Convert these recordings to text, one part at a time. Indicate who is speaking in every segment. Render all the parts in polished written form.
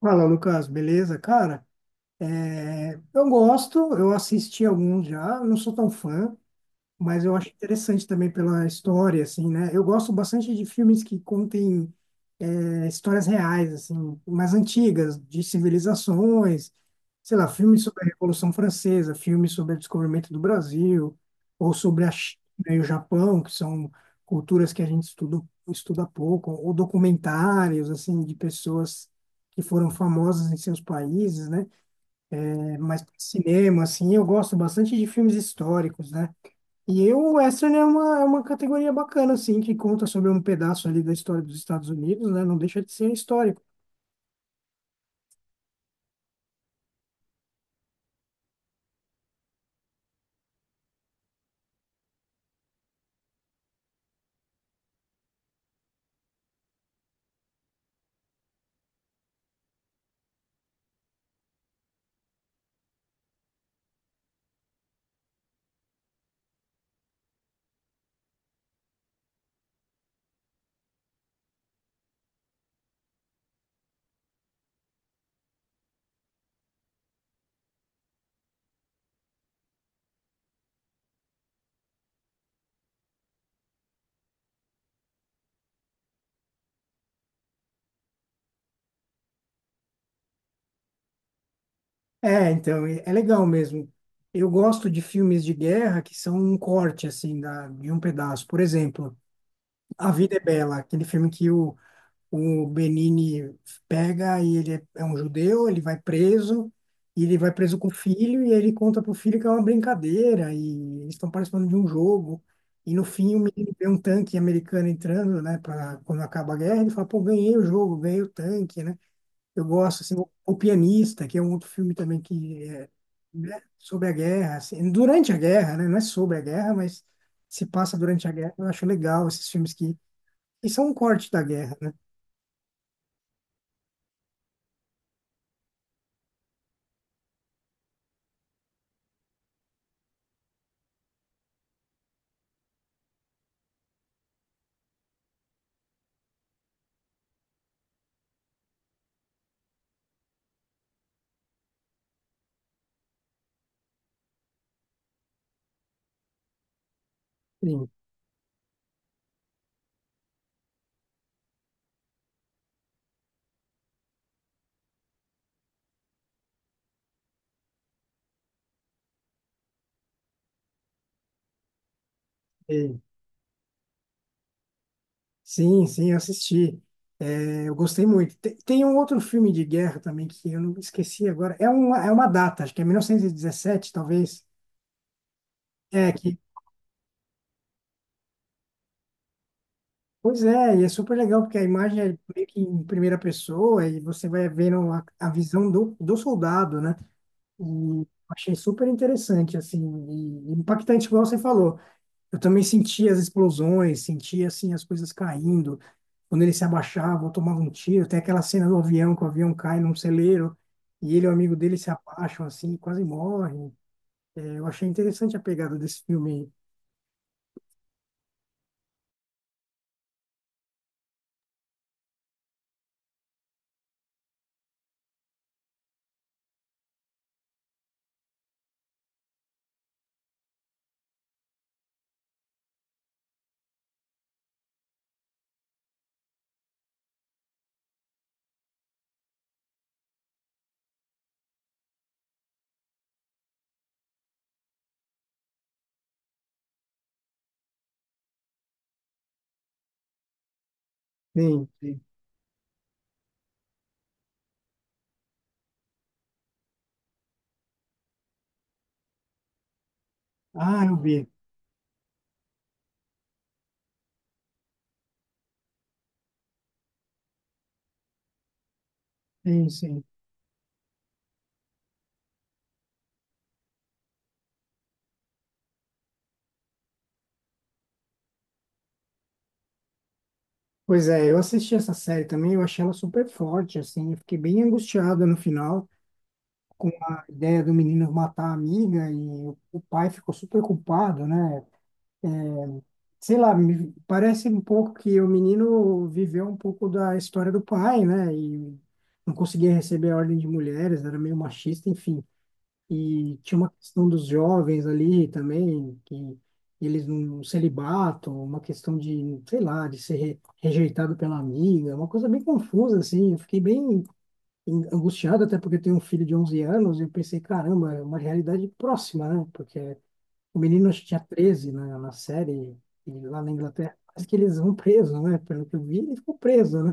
Speaker 1: Fala, Lucas, beleza? Cara, eu gosto, eu assisti alguns já, não sou tão fã, mas eu acho interessante também pela história, assim, né? Eu gosto bastante de filmes que contem histórias reais, assim, mais antigas, de civilizações, sei lá, filmes sobre a Revolução Francesa, filmes sobre o descobrimento do Brasil, ou sobre a China e o Japão, que são culturas que a gente estuda, estuda pouco, ou documentários, assim, de pessoas que foram famosas em seus países, né? É, mas cinema, assim, eu gosto bastante de filmes históricos, né? E eu, o Western é uma categoria bacana, assim, que conta sobre um pedaço ali da história dos Estados Unidos, né? Não deixa de ser histórico. É, então, é legal mesmo. Eu gosto de filmes de guerra que são um corte, assim, da, de um pedaço. Por exemplo, A Vida é Bela, aquele filme que o Benini pega e ele é um judeu, ele vai preso, e ele vai preso com o filho, e ele conta pro filho que é uma brincadeira, e eles estão participando de um jogo. E no fim o menino vê um tanque americano entrando, né, para quando acaba a guerra, ele fala, pô, ganhei o jogo, ganhei o tanque, né? Eu gosto, assim, o Pianista, que é um outro filme também que é, né, sobre a guerra, assim, durante a guerra, né? Não é sobre a guerra, mas se passa durante a guerra. Eu acho legal esses filmes que são um corte da guerra, né? Sim. Sim, sim, eu assisti. É, eu gostei muito. Tem, tem um outro filme de guerra também que eu não esqueci agora. É uma data, acho que é 1917, talvez. É que, pois é, e é super legal porque a imagem é meio que em primeira pessoa e você vai vendo a visão do, do soldado, né? E eu achei super interessante, assim, e impactante, igual você falou. Eu também sentia as explosões, sentia assim as coisas caindo. Quando ele se abaixava, eu tomava um tiro. Tem aquela cena do avião, que o avião cai num celeiro e ele e o amigo dele se abaixam assim, quase morrem. É, eu achei interessante a pegada desse filme. Aí. Sim, sim. Ah, eu vi. Sim, sim. Pois é, eu assisti essa série também, eu achei ela super forte, assim, eu fiquei bem angustiada no final com a ideia do menino matar a amiga e o pai ficou super culpado, né? É, sei lá, me parece um pouco que o menino viveu um pouco da história do pai, né? E não conseguia receber a ordem de mulheres, era meio machista, enfim. E tinha uma questão dos jovens ali também, que eles não celibato, uma questão de, sei lá, de ser rejeitado pela amiga, uma coisa bem confusa, assim. Eu fiquei bem angustiado, até porque eu tenho um filho de 11 anos, e eu pensei, caramba, é uma realidade próxima, né? Porque o menino acho que tinha 13 na, na série, e lá na Inglaterra, parece que eles vão preso, né? Pelo que eu vi, ele ficou preso, né?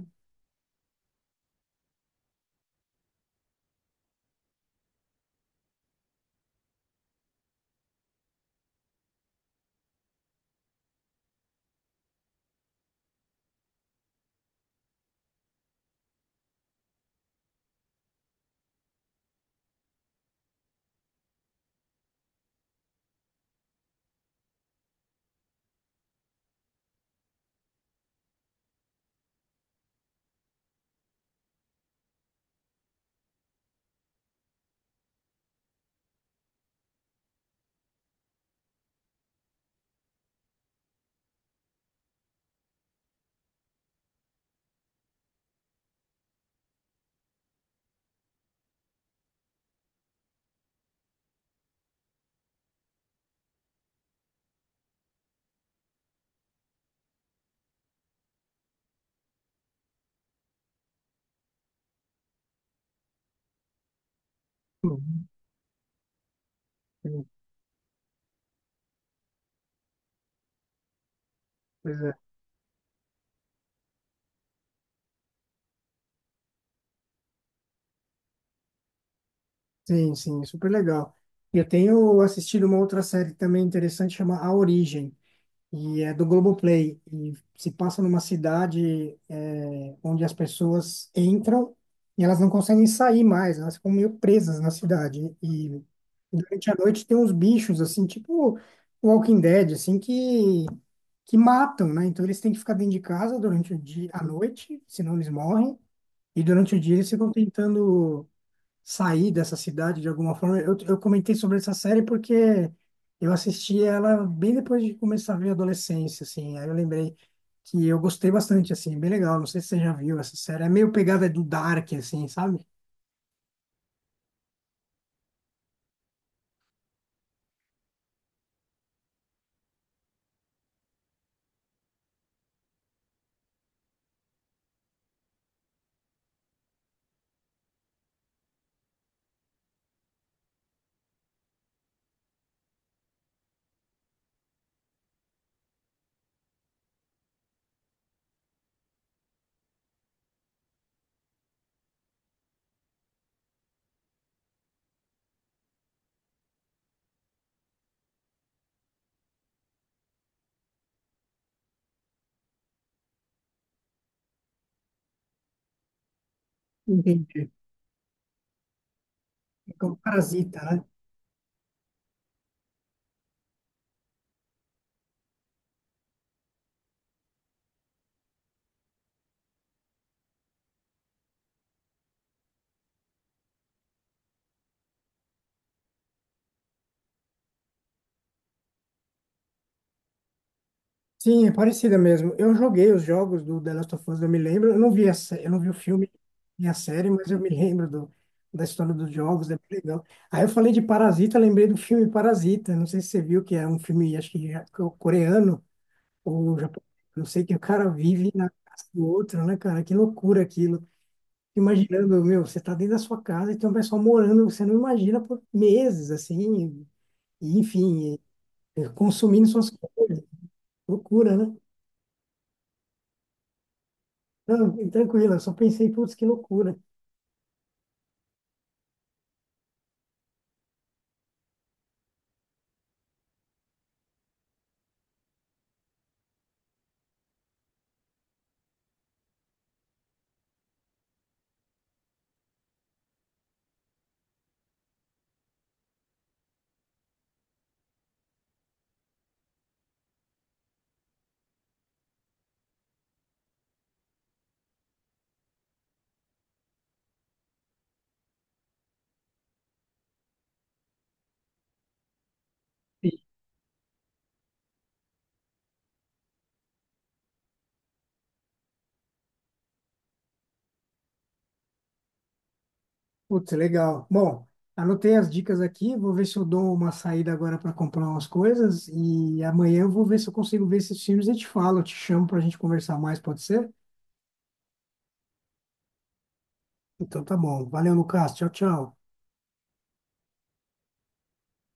Speaker 1: Uhum. Sim, pois é. Sim, sim, super legal. Eu tenho assistido uma outra série também interessante, chama A Origem. E é do Globoplay. E se passa numa cidade é, onde as pessoas entram e elas não conseguem sair mais, elas ficam meio presas na cidade. E durante a noite tem uns bichos, assim, tipo Walking Dead, assim, que matam, né? Então eles têm que ficar dentro de casa durante o dia, a noite, senão eles morrem. E durante o dia eles ficam tentando sair dessa cidade de alguma forma. Eu comentei sobre essa série porque eu assisti ela bem depois de começar a ver a adolescência, assim. Aí eu lembrei que eu gostei bastante, assim, bem legal. Não sei se você já viu essa série. É meio pegada do Dark, assim, sabe? Entendi. É Como Parasita, né? Sim, é parecida mesmo. Eu joguei os jogos do The Last of Us, eu me lembro. Eu não vi a, eu não vi o filme e a série, mas eu me lembro do, da história dos jogos, é bem legal. Aí eu falei de Parasita, lembrei do filme Parasita. Não sei se você viu, que é um filme, acho que coreano ou japonês. Não sei que o cara vive na casa do outro, né, cara? Que loucura aquilo. Imaginando, meu, você tá dentro da sua casa e tem um pessoal morando, você não imagina por meses, assim, e, enfim, e consumindo suas coisas. Loucura, né? Não, tranquilo, eu só pensei, putz, que loucura. E, putz, legal. Bom, anotei as dicas aqui, vou ver se eu dou uma saída agora para comprar umas coisas e amanhã eu vou ver se eu consigo ver esses filmes e te falo, eu te chamo para a gente conversar mais, pode ser? Então tá bom. Valeu, Lucas. Tchau, tchau.